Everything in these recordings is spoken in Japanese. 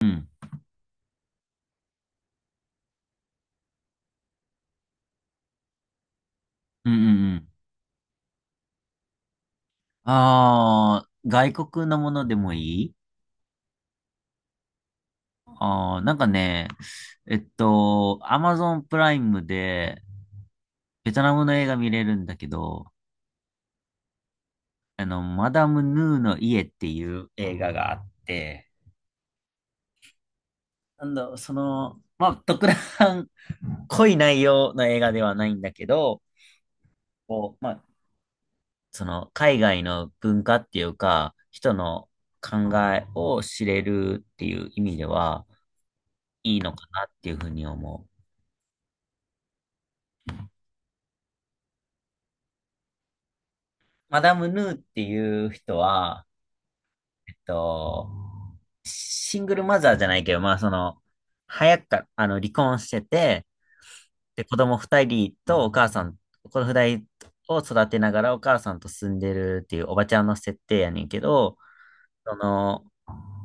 うん。うんうんうん。ああ、外国のものでもいい。ああー、なんかね、アマゾンプライムで、ベトナムの映画見れるんだけど、マダム・ヌーの家っていう映画があって、なんだ、その、まあ、特段濃い内容の映画ではないんだけど、こう、まあ、その、海外の文化っていうか、人の考えを知れるっていう意味では、いいのかなっていうふうに思う。マダム・ヌーっていう人は、えっと、シングルマザーじゃないけど、まあその、早くか、離婚してて、で、子供二人とお母さん、子供二人を育てながらお母さんと住んでるっていうおばちゃんの設定やねんけど、その、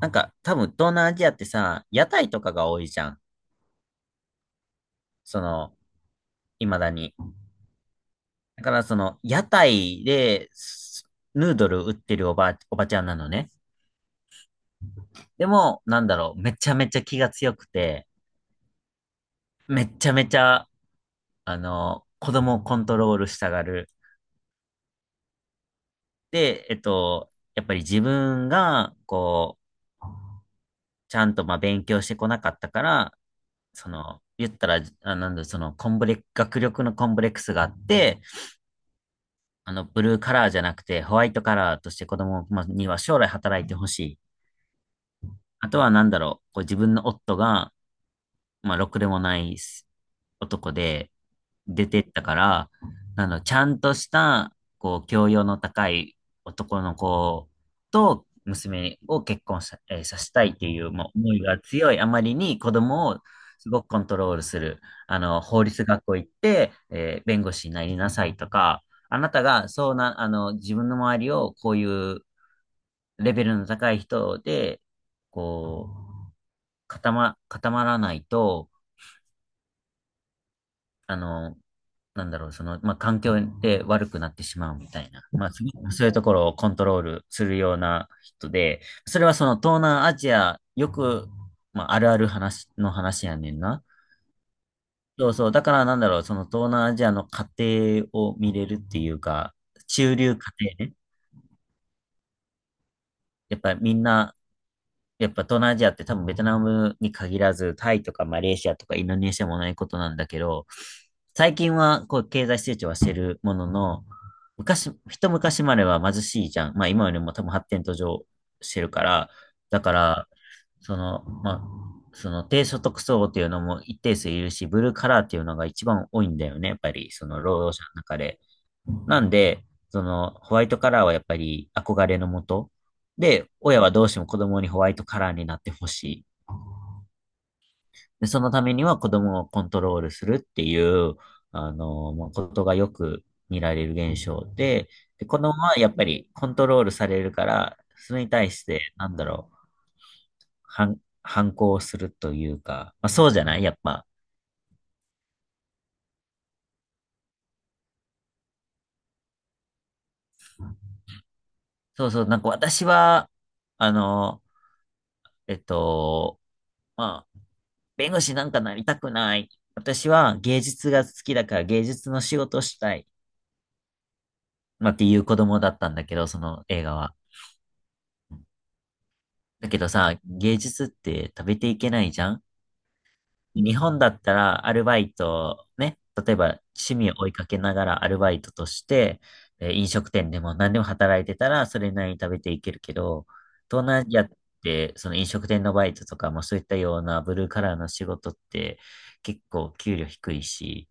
なんか多分東南アジアってさ、屋台とかが多いじゃん。その、未だに。だからその、屋台で、ヌードル売ってるおばちゃんなのね。でも、なんだろう、めちゃめちゃ気が強くて、めっちゃめちゃ、子供をコントロールしたがる。で、やっぱり自分が、こう、ちゃんと、まあ、勉強してこなかったから、その、言ったら、あ、なんだ、その、コンブレ、学力のコンブレックスがあって、ブルーカラーじゃなくて、ホワイトカラーとして子供まあには将来働いてほしい。あとは、なんだろう、こう自分の夫が、まあ、ろくでもない男で、出てったから、ちゃんとした、こう、教養の高い男の子と娘を結婚さ、えーさせたいっていう、もう思いが強いあまりに子供をすごくコントロールする。法律学校行って、弁護士になりなさいとか、あなたがそうな、自分の周りをこういうレベルの高い人で、こう、固まらないと、あの、なんだろう、その、まあ、環境で悪くなってしまうみたいな、まあ、すごくそういうところをコントロールするような人で、それはその東南アジア、よく、まあ、あるある話の話やねんな。そうそう、だからなんだろう、その東南アジアの家庭を見れるっていうか、中流家庭ね。やっぱりみんなやっぱ東南アジアって多分ベトナムに限らず、タイとかマレーシアとかインドネシアもないことなんだけど、最近はこう経済成長はしてるものの、昔、一昔までは貧しいじゃん。まあ今よりも多分発展途上してるから、だから、その、まあ、その低所得層っていうのも一定数いるし、ブルーカラーっていうのが一番多いんだよね。やっぱりその労働者の中で。なんで、その、ホワイトカラーはやっぱり憧れのもと。で、親はどうしても子供にホワイトカラーになってほしい。で、そのためには子供をコントロールするっていう、まあことがよく見られる現象で、で、子供はやっぱりコントロールされるから、それに対して、なんだろう、反抗するというか、まあ、そうじゃないやっぱ。そうそう、なんか私は、あの、えっと、まあ、弁護士なんかなりたくない。私は芸術が好きだから芸術の仕事したい。まあ、っていう子供だったんだけど、その映画は。だけどさ、芸術って食べていけないじゃん。日本だったらアルバイト、ね、例えば趣味を追いかけながらアルバイトとして、飲食店でも何でも働いてたらそれなりに食べていけるけど、東南アジアってその飲食店のバイトとかもそういったようなブルーカラーの仕事って結構給料低いし、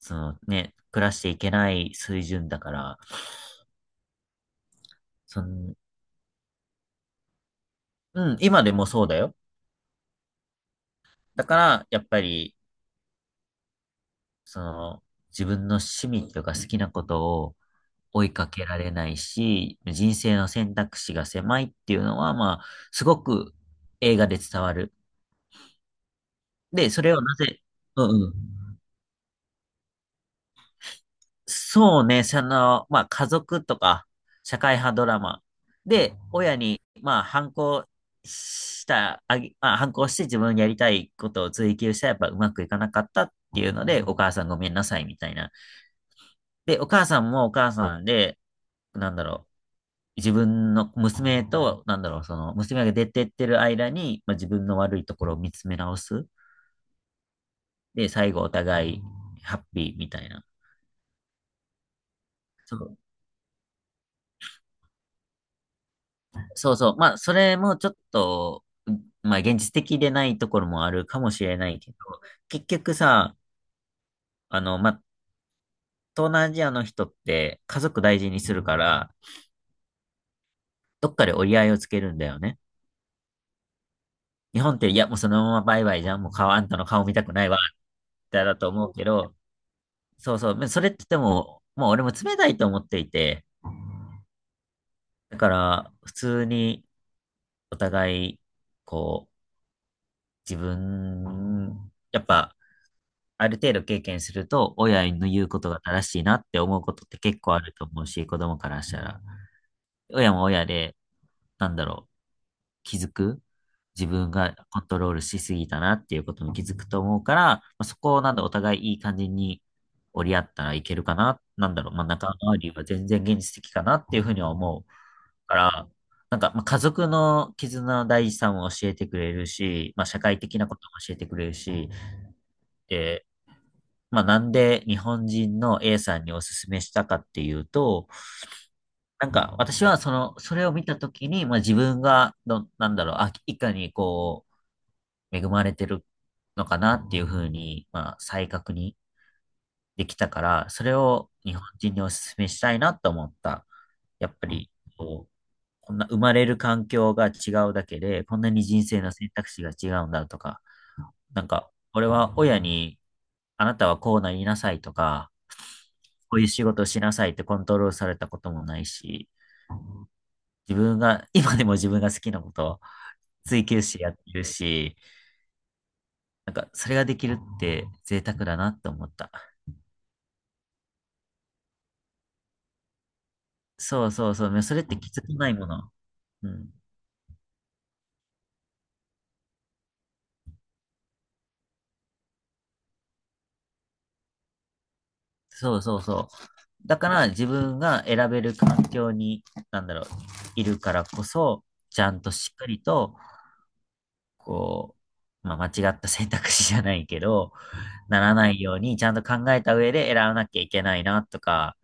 そのね、暮らしていけない水準だから、その、うん、今でもそうだよ。だから、やっぱり、その、自分の趣味とか好きなことを追いかけられないし、人生の選択肢が狭いっていうのは、まあ、すごく映画で伝わる。で、それをなぜ、うんうん。そうね、その、まあ、家族とか、社会派ドラマ。で、親に、まあ、反抗した、あげ、まあ、反抗して自分のやりたいことを追求したら、やっぱうまくいかなかったっていうので、お母さんごめんなさいみたいな。で、お母さんもお母さんで、なんだろう、自分の娘と、なんだろう、その、娘が出てってる間に、まあ、自分の悪いところを見つめ直す。で、最後お互いハッピーみたいな。そうそうそう。まあ、それもちょっと、まあ、現実的でないところもあるかもしれないけど、結局さ、まあ、東南アジアの人って家族大事にするから、どっかで折り合いをつけるんだよね。日本って、いや、もうそのままバイバイじゃん。もう顔、あんたの顔見たくないわ、ってだと思うけど、そうそう。それってでも、もう俺も冷たいと思っていて、だから、普通にお互い、こう、自分、やっぱ、ある程度経験すると、親の言うことが正しいなって思うことって結構あると思うし、子供からしたら。親も親で、なんだろう、気づく自分がコントロールしすぎたなっていうことも気づくと思うから、まあ、そこをなんだ、お互いいい感じに折り合ったらいけるかな、なんだろう、まあ、仲間割りは全然現実的かなっていうふうには思うから、なんか、まあ、家族の絆の大事さも教えてくれるし、まあ、社会的なことも教えてくれるし、でまあ、なんで日本人の A さんにおすすめしたかっていうと、なんか私はその、それを見たときに、まあ、自分がど、なんだろう、あ、いかにこう、恵まれてるのかなっていうふうに、まあ、再確認できたから、それを日本人におすすめしたいなと思った。やっぱり、こう、こんな生まれる環境が違うだけで、こんなに人生の選択肢が違うんだとか、なんか、俺は親に、あなたはこうなりなさいとか、こういう仕事をしなさいってコントロールされたこともないし、自分が、今でも自分が好きなことを追求してやってるし、なんかそれができるって贅沢だなって思った。そうそうそう、それって気づかないもの。うん。そうそうそう。だから自分が選べる環境に、なんだろう、いるからこそ、ちゃんとしっかりと、こう、まあ、間違った選択肢じゃないけど、ならないように、ちゃんと考えた上で選ばなきゃいけないな、とか、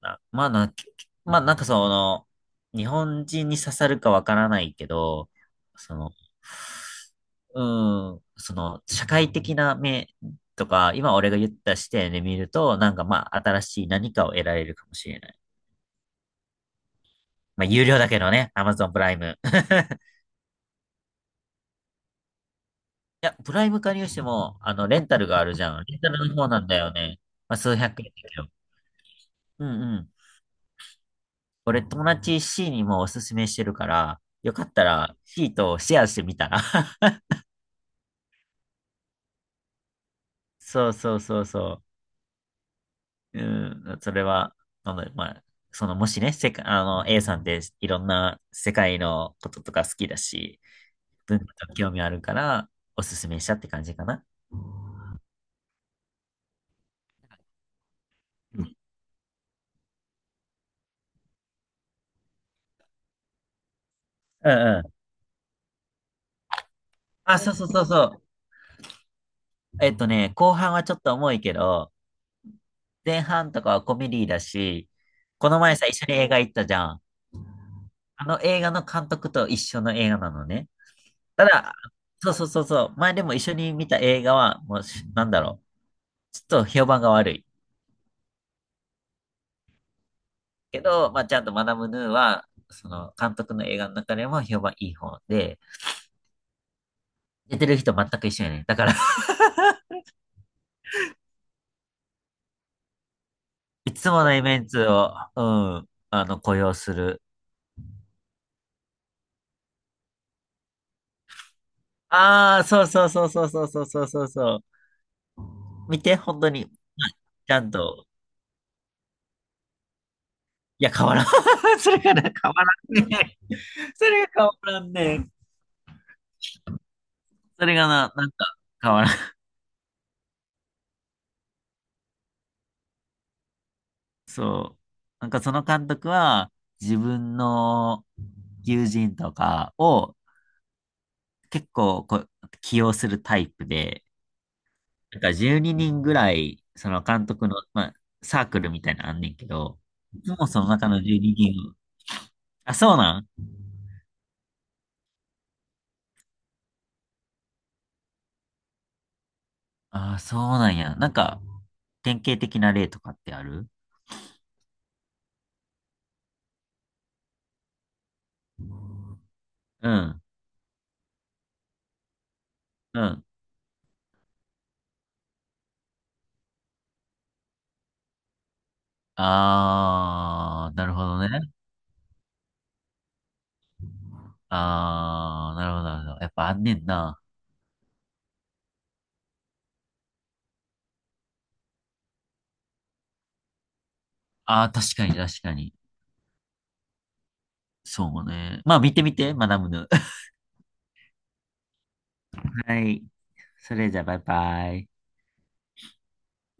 なまあな、まあなんかその、日本人に刺さるかわからないけど、その、うん、その、社会的な目とか、今俺が言った視点で見ると、なんかまあ、新しい何かを得られるかもしれない。まあ、有料だけどね、Amazon プライム。いや、プライム加入しても、レンタルがあるじゃん。レンタルの方なんだよね。まあ、数百円だけど。うんうん。俺友達 C にもおすすめしてるから、よかったら C とシェアしてみたら。そうそうそうそう。うん、それは、まあ、その、もしね、世界、A さんっていろんな世界のこととか好きだし、文化と興味あるから、おすすめしたって感じかな。うんうんうん。あ、そうそうそうそう。後半はちょっと重いけど、前半とかはコメディだし、この前さ、一緒に映画行ったじゃん。あの映画の監督と一緒の映画なのね。ただ、そうそうそうそう。前でも一緒に見た映画は、もうし、なんだろう。ちょっと評判が悪い。けど、まあ、ちゃんとマダムヌーは、その、監督の映画の中でも評判いい方で、出てる人全く一緒やね。だから いつものイメンツを、うん、雇用する。ああ、そうそうそうそうそうそうそうそうそう。見て、本当に。はいちゃんと。いや、変わらん。それがな、変わらんね。それが変わらんね。それがな、なんか、変わらん。そう。なんかその監督は自分の友人とかを結構こう起用するタイプで、なんか12人ぐらいその監督の、まあ、サークルみたいなのあんねんけど、いつもその中の12人を、あ、そうなんああ、そうなんや。なんか典型的な例とかってあるうん、うん。ああ、なるほどね。ああ、なるほど、なるほど。やっぱあんねんな。ああ、確かに確かに。そうね。まあ見てみて、学ぶぬ。はい。それじゃあ、バイバイ。